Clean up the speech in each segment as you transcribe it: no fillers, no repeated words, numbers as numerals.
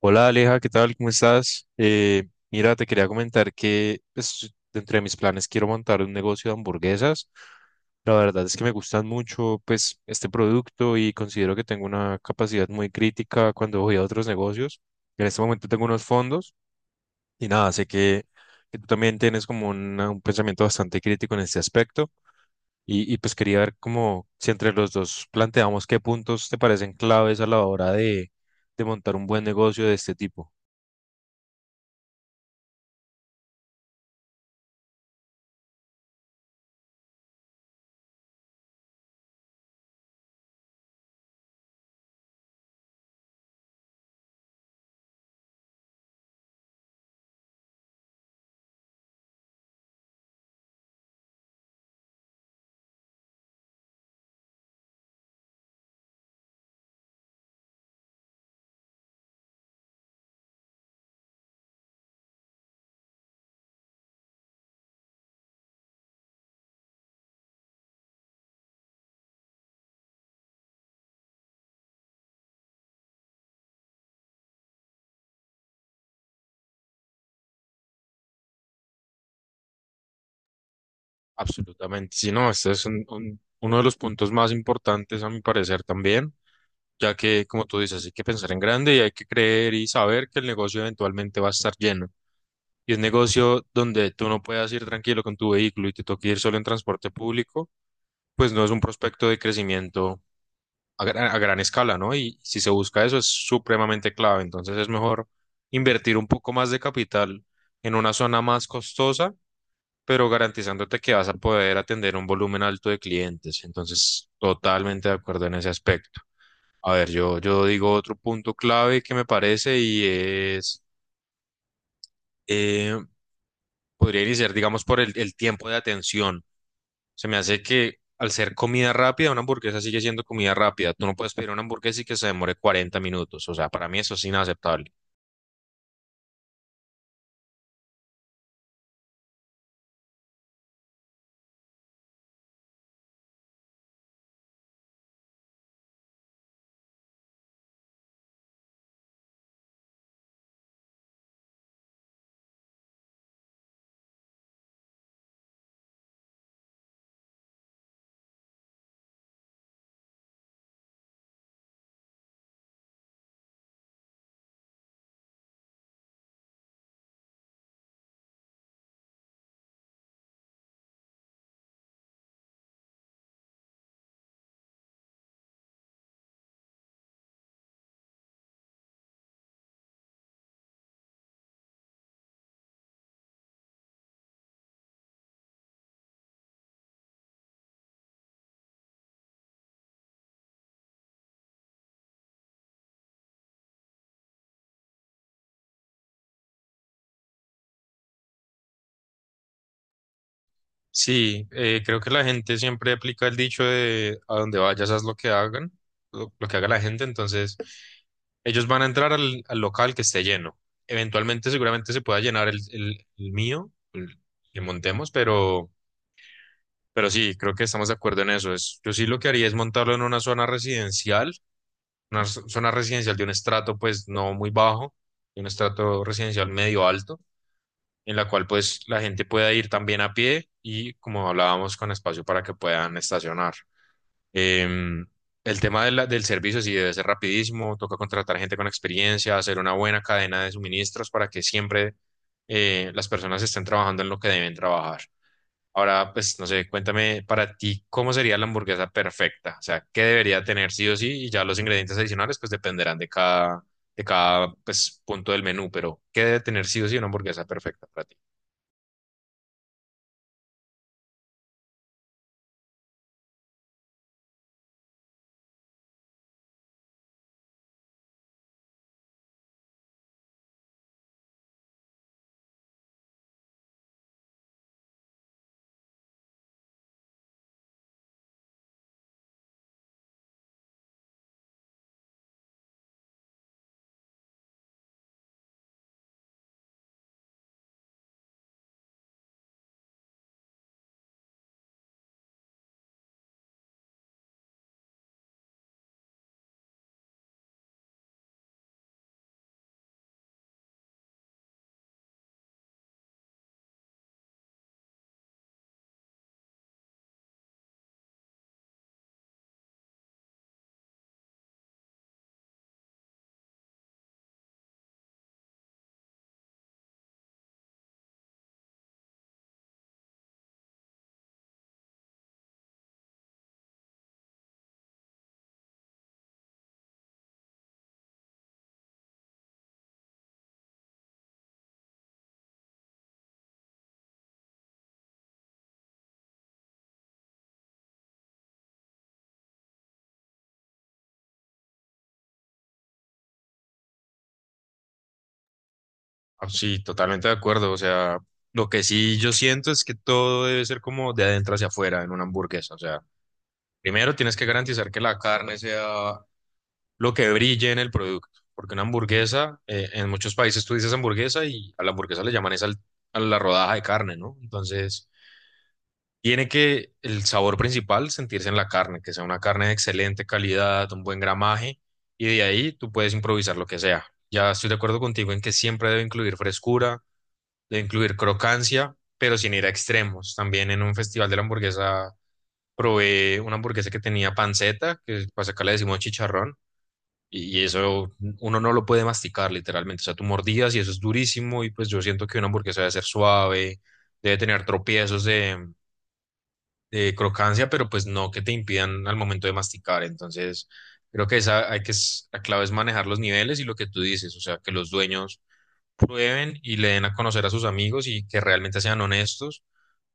Hola Aleja, ¿qué tal? ¿Cómo estás? Mira, te quería comentar que pues, dentro mis planes quiero montar un negocio de hamburguesas. La verdad es que me gustan mucho pues este producto y considero que tengo una capacidad muy crítica cuando voy a otros negocios. En este momento tengo unos fondos y nada, que tú también tienes como un pensamiento bastante crítico en este aspecto y pues quería ver como si entre los dos planteamos qué puntos te parecen claves a la hora de montar un buen negocio de este tipo. Absolutamente. Sí, no, este es uno de los puntos más importantes a mi parecer también, ya que, como tú dices, hay que pensar en grande y hay que creer y saber que el negocio eventualmente va a estar lleno. Y un negocio donde tú no puedas ir tranquilo con tu vehículo y te toque ir solo en transporte público, pues no es un prospecto de crecimiento a gran escala, ¿no? Y si se busca eso es supremamente clave. Entonces es mejor invertir un poco más de capital en una zona más costosa pero garantizándote que vas a poder atender un volumen alto de clientes. Entonces, totalmente de acuerdo en ese aspecto. A ver, yo digo otro punto clave que me parece y es, eh, podría iniciar, digamos, por el tiempo de atención. Se me hace que al ser comida rápida, una hamburguesa sigue siendo comida rápida. Tú no puedes pedir una hamburguesa y que se demore 40 minutos. O sea, para mí eso es inaceptable. Sí, creo que la gente siempre aplica el dicho de a donde vayas haz lo que hagan, lo que haga la gente, entonces ellos van a entrar al local que esté lleno. Eventualmente seguramente se pueda llenar el mío, el que montemos, pero sí, creo que estamos de acuerdo en eso. Es, yo sí lo que haría es montarlo en una zona residencial, zona residencial de un estrato pues no muy bajo, de un estrato residencial medio alto en la cual pues la gente pueda ir también a pie y como hablábamos con espacio para que puedan estacionar. Em, el tema de del servicio sí debe ser rapidísimo, toca contratar gente con experiencia, hacer una buena cadena de suministros para que siempre las personas estén trabajando en lo que deben trabajar. Ahora, pues no sé, cuéntame para ti, ¿cómo sería la hamburguesa perfecta? O sea, ¿qué debería tener sí o sí? Y ya los ingredientes adicionales pues dependerán de de cada pues, punto del menú, pero ¿qué debe tener sí o sí una hamburguesa perfecta para ti? Ah, sí, totalmente de acuerdo. O sea, lo que sí yo siento es que todo debe ser como de adentro hacia afuera en una hamburguesa. O sea, primero tienes que garantizar que la carne sea lo que brille en el producto. Porque una hamburguesa, en muchos países tú dices hamburguesa y a la hamburguesa le llaman es a la rodaja de carne, ¿no? Entonces, tiene que el sabor principal sentirse en la carne, que sea una carne de excelente calidad, un buen gramaje, y de ahí tú puedes improvisar lo que sea. Ya estoy de acuerdo contigo en que siempre debe incluir frescura de incluir crocancia, pero sin ir a extremos. También en un festival de la hamburguesa probé una hamburguesa que tenía panceta, que para acá le decimos chicharrón, y eso uno no lo puede masticar literalmente. O sea, tú mordías y eso es durísimo, y pues yo siento que una hamburguesa debe ser suave, debe tener tropiezos de crocancia, pero pues no que te impidan al momento de masticar. Entonces, creo que esa hay la clave es manejar los niveles y lo que tú dices, o sea, que los dueños prueben y le den a conocer a sus amigos y que realmente sean honestos,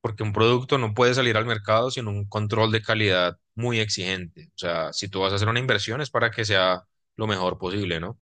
porque un producto no puede salir al mercado sin un control de calidad muy exigente. O sea, si tú vas a hacer una inversión es para que sea lo mejor posible, ¿no?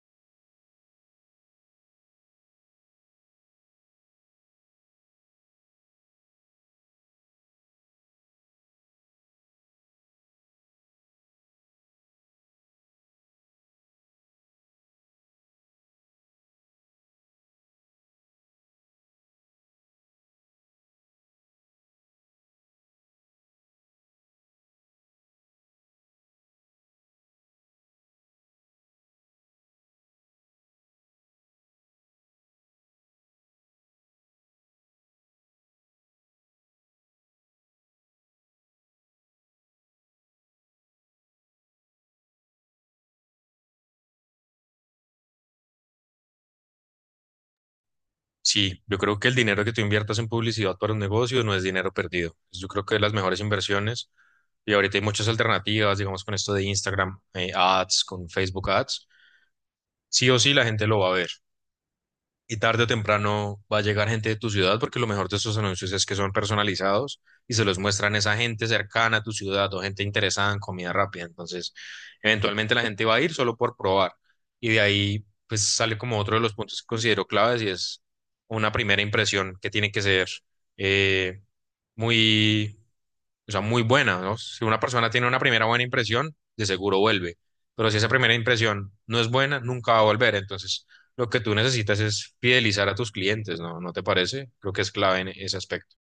Sí, yo creo que el dinero que tú inviertas en publicidad para un negocio no es dinero perdido. Yo creo que de las mejores inversiones, y ahorita hay muchas alternativas, digamos, con esto de Instagram, ads, con Facebook ads, sí o sí la gente lo va a ver. Y tarde o temprano va a llegar gente de tu ciudad, porque lo mejor de estos anuncios es que son personalizados y se los muestran a esa gente cercana a tu ciudad o gente interesada en comida rápida. Entonces, eventualmente la gente va a ir solo por probar. Y de ahí, pues sale como otro de los puntos que considero claves y es una primera impresión que tiene que ser eh, muy muy buena, ¿no? Si una persona tiene una primera buena impresión, de seguro vuelve. Pero si esa primera impresión no es buena, nunca va a volver. Entonces, lo que tú necesitas es fidelizar a tus clientes, ¿no? ¿No te parece? Creo que es clave en ese aspecto.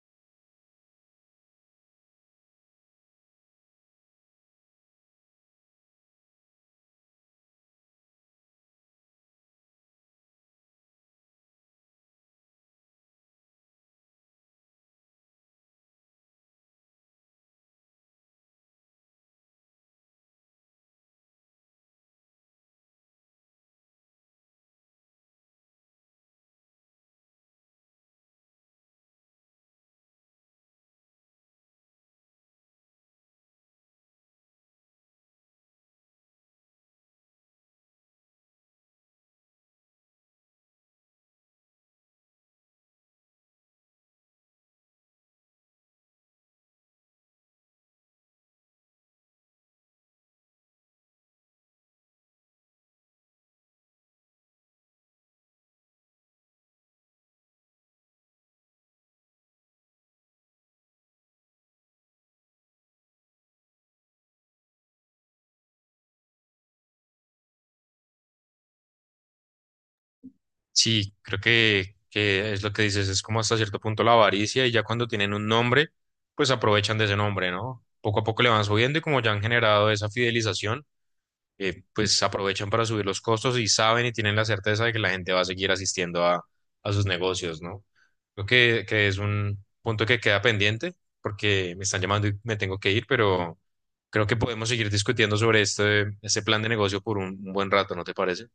Sí, creo que es lo que dices, es como hasta cierto punto la avaricia y ya cuando tienen un nombre, pues aprovechan de ese nombre, ¿no? Poco a poco le van subiendo y como ya han generado esa fidelización pues aprovechan para subir los costos y saben y tienen la certeza de que la gente va a seguir asistiendo a sus negocios, ¿no? Creo que es un punto que queda pendiente porque me están llamando y me tengo que ir, pero creo que podemos seguir discutiendo sobre este plan de negocio por un buen rato, ¿no te parece?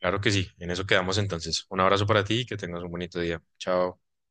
Claro que sí, en eso quedamos entonces. Un abrazo para ti y que tengas un bonito día. Chao.